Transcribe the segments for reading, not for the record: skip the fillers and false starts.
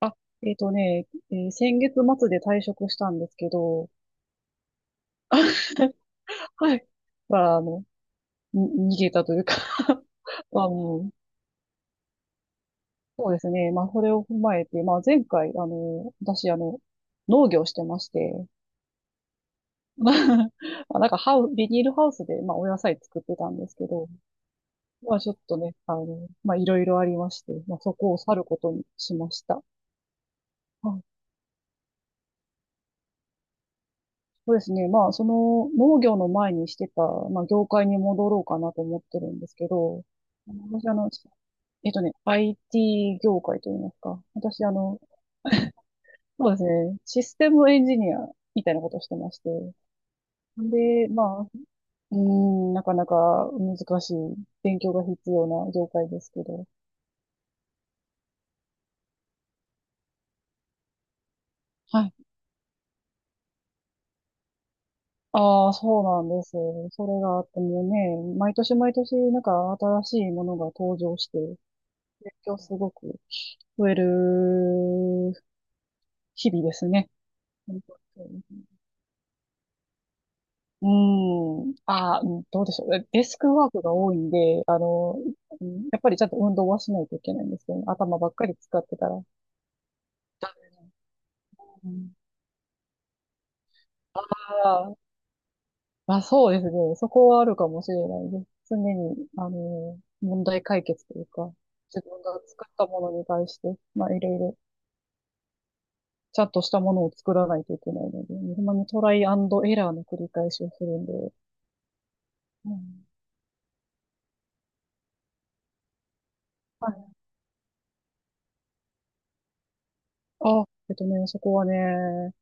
あ、えっとね、えー先月末で退職したんですけど、はい。まあ、に逃げたというか。 まあ、もう、そうですね。まあ、それを踏まえて、まあ、前回、私、農業してまして。まあ、なんかビニールハウスで、まあ、お野菜作ってたんですけど、まあ、ちょっとね、まあ、いろいろありまして、まあ、そこを去ることにしました。はい。そうですね。まあ、その農業の前にしてた、まあ、業界に戻ろうかなと思ってるんですけど、私、IT 業界といいますか。私、そうですね、システムエンジニアみたいなことをしてまして。で、まあ、なかなか難しい、勉強が必要な業界ですけど。はい。ああ、そうなんです。それがあってもうね、毎年毎年、なんか新しいものが登場して、勉強すごく増える日々ですね。本当に。うん。ああ、うん、どうでしょう。デスクワークが多いんで、うん、やっぱりちゃんと運動はしないといけないんですよね。頭ばっかり使ってたら。うん。ああ、まあ、そうですね。そこはあるかもしれないです。常に、問題解決というか、自分が作ったものに対して、まあ、いろいろ、ちゃんとしたものを作らないといけないので、ほんまにトライアンドエラーの繰り返しをするんで、うん。はい。あ、そこはね、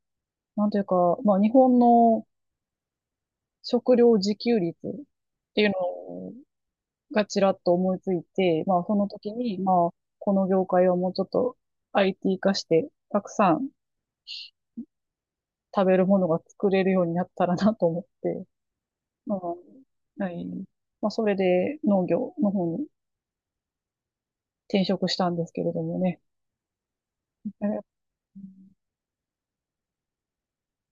なんというか、まあ、日本の食料自給率っていうのがちらっと思いついて、まあ、その時に、まあ、この業界はもうちょっと IT 化して、たくさん食べるものが作れるようになったらなと思って、まあ、はい。まあ、それで農業の方に転職したんですけれどもね。え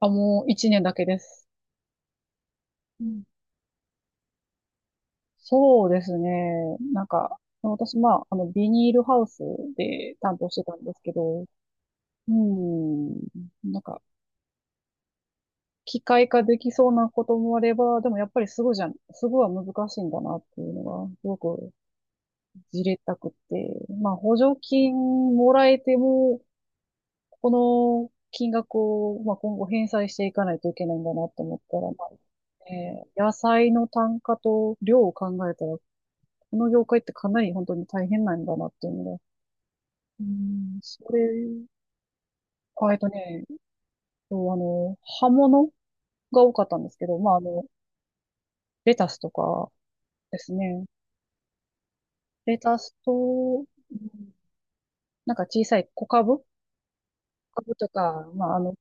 あ、もう一年だけです。うん。そうですね。なんか、私、まあ、ビニールハウスで担当してたんですけど、うん。なんか、機械化できそうなこともあれば、でもやっぱりすごいじゃん、すごいは難しいんだなっていうのが、すごくじれったくって。まあ、補助金もらえても、この金額を、まあ、今後返済していかないといけないんだなと思ったら、まあね、野菜の単価と量を考えたら、この業界ってかなり本当に大変なんだなっていうのが、うん、それ、あ、そう、葉物が多かったんですけど、まあ、レタスとかですね。レタスと、うん、なんか小さい小株とか、まあ、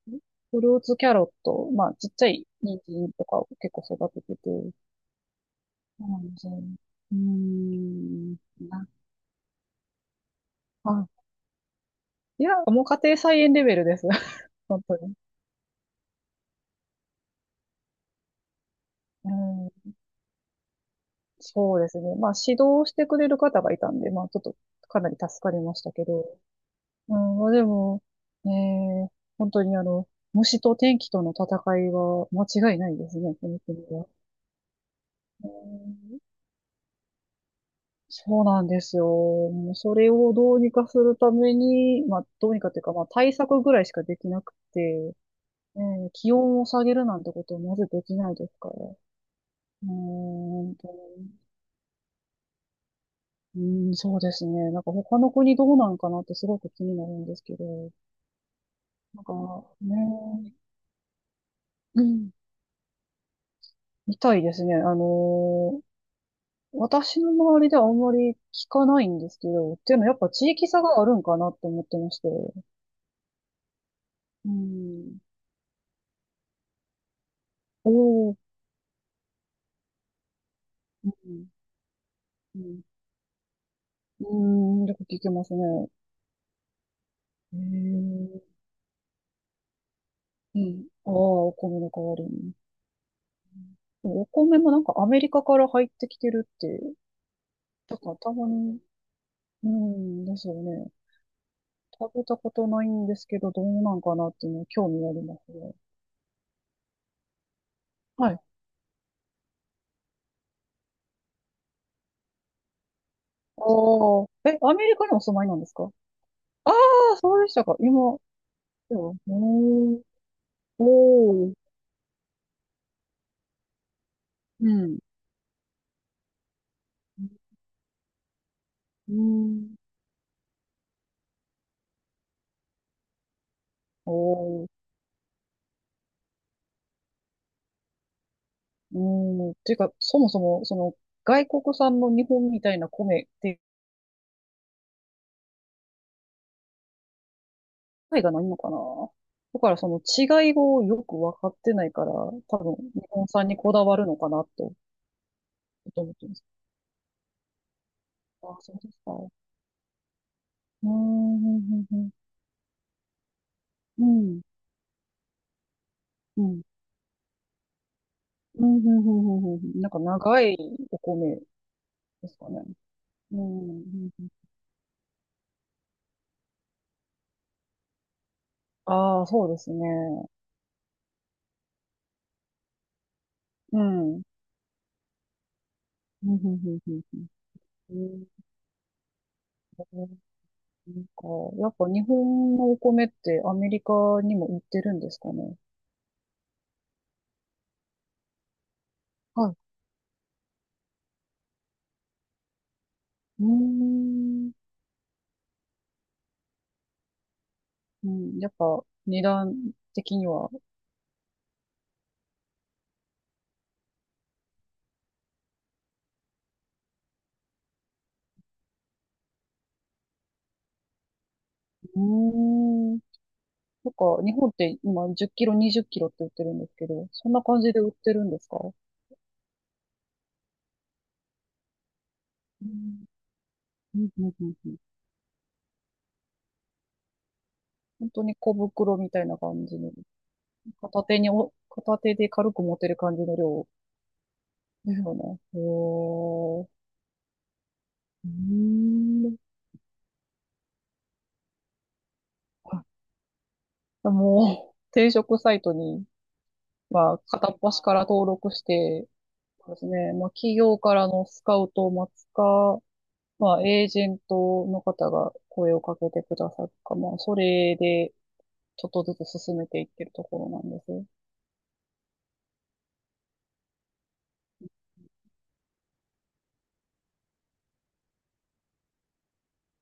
フルーツキャロット、まあ、ちっちゃい人参とかを結構育ててて、そうなんですよ。うーん、な、あ、いや、もう家庭菜園レベルです。本当に。うん、そうですね。まあ、指導してくれる方がいたんで、まあ、ちょっとかなり助かりましたけど、うん、まあでも、ねえー、本当に虫と天気との戦いは間違いないですね、この国は。うん。そうなんですよ。もうそれをどうにかするために、まあ、どうにかっていうか、まあ対策ぐらいしかできなくて、ねえー、気温を下げるなんてことはまずできないですから。うーんと、うん、そうですね。なんか他の国どうなんかなってすごく気になるんですけど、なんかね、うん、みたいですね。私の周りではあんまり聞かないんですけど、っていうのはやっぱ地域差があるんかなって思ってまして。うん。おー。うん。うん。うーん、よく聞きますね。へえ。うん。ああ、お米の代わりに。でもお米もなんかアメリカから入ってきてるって、だからたまに、うん、ですよね。食べたことないんですけど、どうなんかなっていうのは興味ありますね。はい。ああ、え、アメリカにお住まいなんですか？ああー、そうでしたか。今、そうね。ん、おー。うん。うん。おー。うん。ていうか、そもそも、その、外国産の日本みたいな米っていがないのかな。だからその違いをよく分かってないから、多分日本産にこだわるのかなと、ちょっと思ってます。ああ、そうですか。うーん、うん、うん、うん。うん、うん、うん、うん、うん。なんか長いお米ですかね。うん。ああ、そうですね。うん。うん、うん、うん、うん。えーなんか、やっぱ日本のお米ってアメリカにも売ってるんですかね。はい。うーん。うん、やっぱ値段的には。うーん。なんか日本って今10キロ、20キロって売ってるんですけど、そんな感じで売ってるんですか？うん。うんうんうんうん。本当に小袋みたいな感じの、片手で軽く持てる感じの量ですよね。へー。うーん。あ、もう、定食サイトには片っ端から登録して、そうですね、まあ、企業からのスカウトを待つか、まあ、エージェントの方が声をかけてくださるか、まあ、それでちょっとずつ進めていってるところなんです。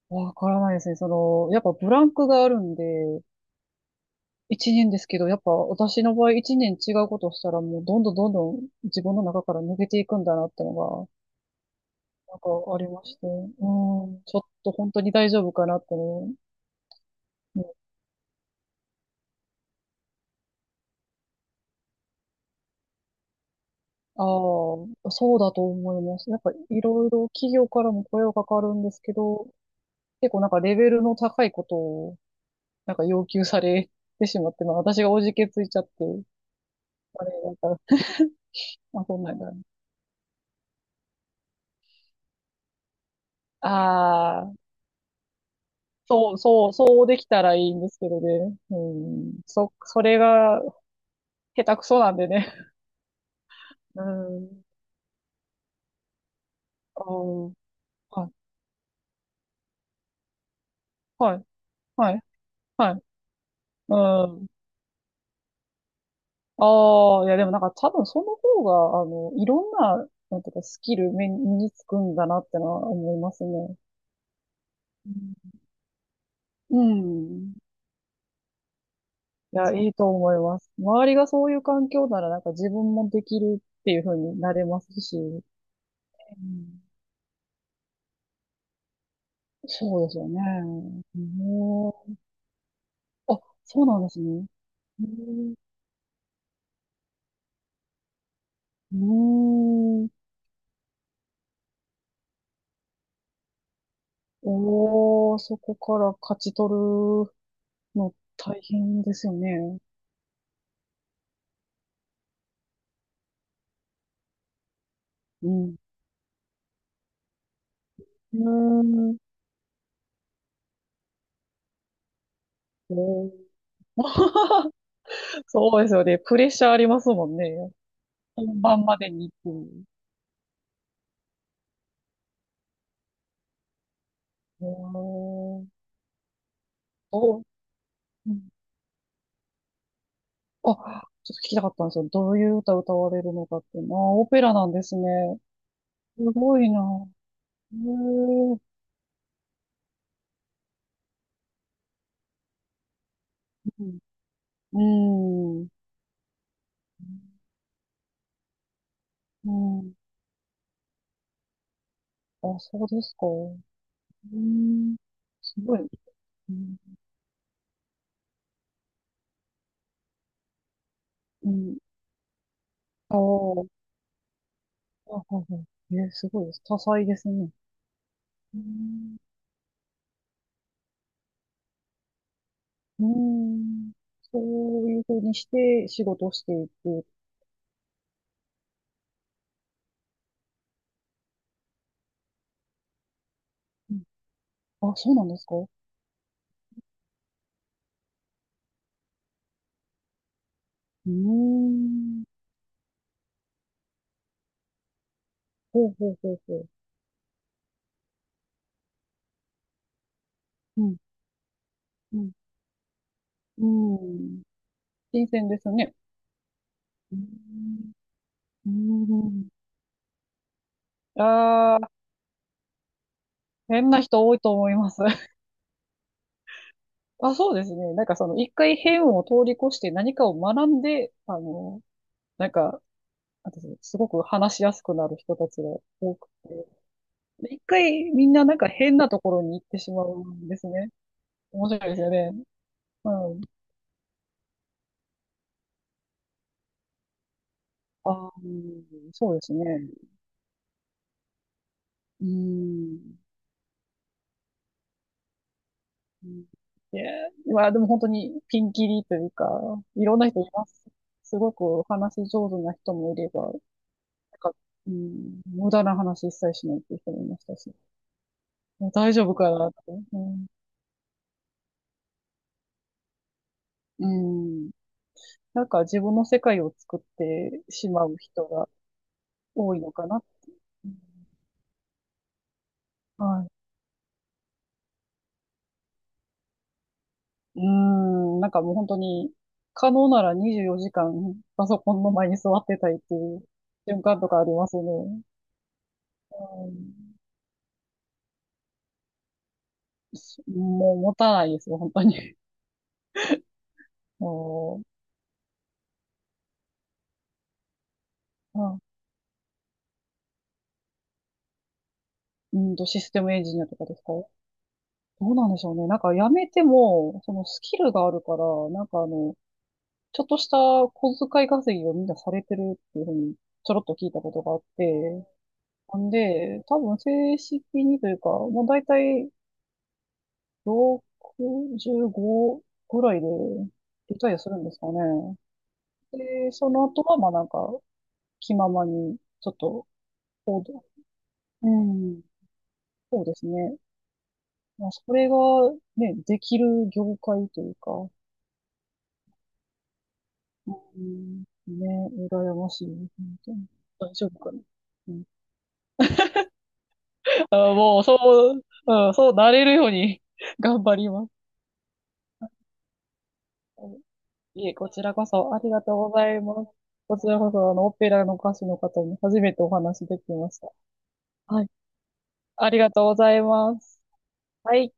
わからないですね。その、やっぱブランクがあるんで、一年ですけど、やっぱ私の場合一年違うことをしたらもうどんどんどんどん自分の中から抜けていくんだなってのが、なんかありまして、うん、ちょっと本当に大丈夫かなってね、ああ、そうだと思います。やっぱいろいろ企業からも声はかかるんですけど、結構なんかレベルの高いことをなんか要求されてしまって、まあ私がおじけついちゃって、あれが、まあそんなんだね。ああ、そう、そう、そうできたらいいんですけどね。うん、それが下手くそなんでね。うん、ああ、はい、はい、はい、はい、うん。ああ、いやでもなんか多分その方が、いろんな、なんていうか、スキル身につくんだなってのは思いますね。うん。いや、いいと思います。周りがそういう環境なら、なんか自分もできるっていう風になれますし。うん。そうですよね。うん、あ、そうなんですね。うん。うーん。おー、そこから勝ち取るの大変ですよね。うん。うーん、そうですよね。プレッシャーありますもんね。本番までにっていう。うーん。どう、うん、あ、ちょっと聞きたかったんですよ。どういう歌歌われるのかっていうのは、あー、オペラなんですね。すごいな。へえ。うん。うん。うん、あ、そうですか。うん。すごい。うん。うん。あー、あ、はいはい。えー、すごいです。多彩ですね。うん。うん、そういうふうにして仕事をしていく。あ、そうなんですか？うーん。ほうほうほうほう。うん、うん、うん。新鮮ですね。うーん。うん。ああ、変な人多いと思います。あ、そうですね。なんかその、一回変を通り越して何かを学んで、なんか、なんていうんですか、すごく話しやすくなる人たちが多くて。で一回みんななんか変なところに行ってしまうんですね。面白いですよね。うん。ああ、そうですね。うーん。うん、いや、まあでも本当にピンキリというか、いろんな人います。すごくお話上手な人もいれば、なんか、うん、無駄な話一切しないっていう人もいましたし、もう大丈夫かなって。うん。うん。なんか自分の世界を作ってしまう人が多いのかな。はい。うん。なんかもう本当に、可能なら24時間パソコンの前に座ってたいっていう瞬間とかありますね。うん、もう持たないですよ、本当に。もう、あ、システムエンジニアとかですか？どうなんでしょうね。なんか辞めても、そのスキルがあるから、なんかちょっとした小遣い稼ぎをみんなされてるっていうふうに、ちょろっと聞いたことがあって、なんで、多分正式にというか、もう大体65ぐらいでリタイアするんですかね。で、その後は、まあなんか、気ままに、ちょっと、行動。うん、そうですね。まあ、それがね、できる業界というか、うん、ね、羨ましいね。本当に大丈夫かな。うん、あ、もう、そう、うん、そうなれるように 頑張ります。いえ、こちらこそありがとうございます。こちらこそ、オペラの歌手の方に初めてお話できました。はい。ありがとうございます。はい。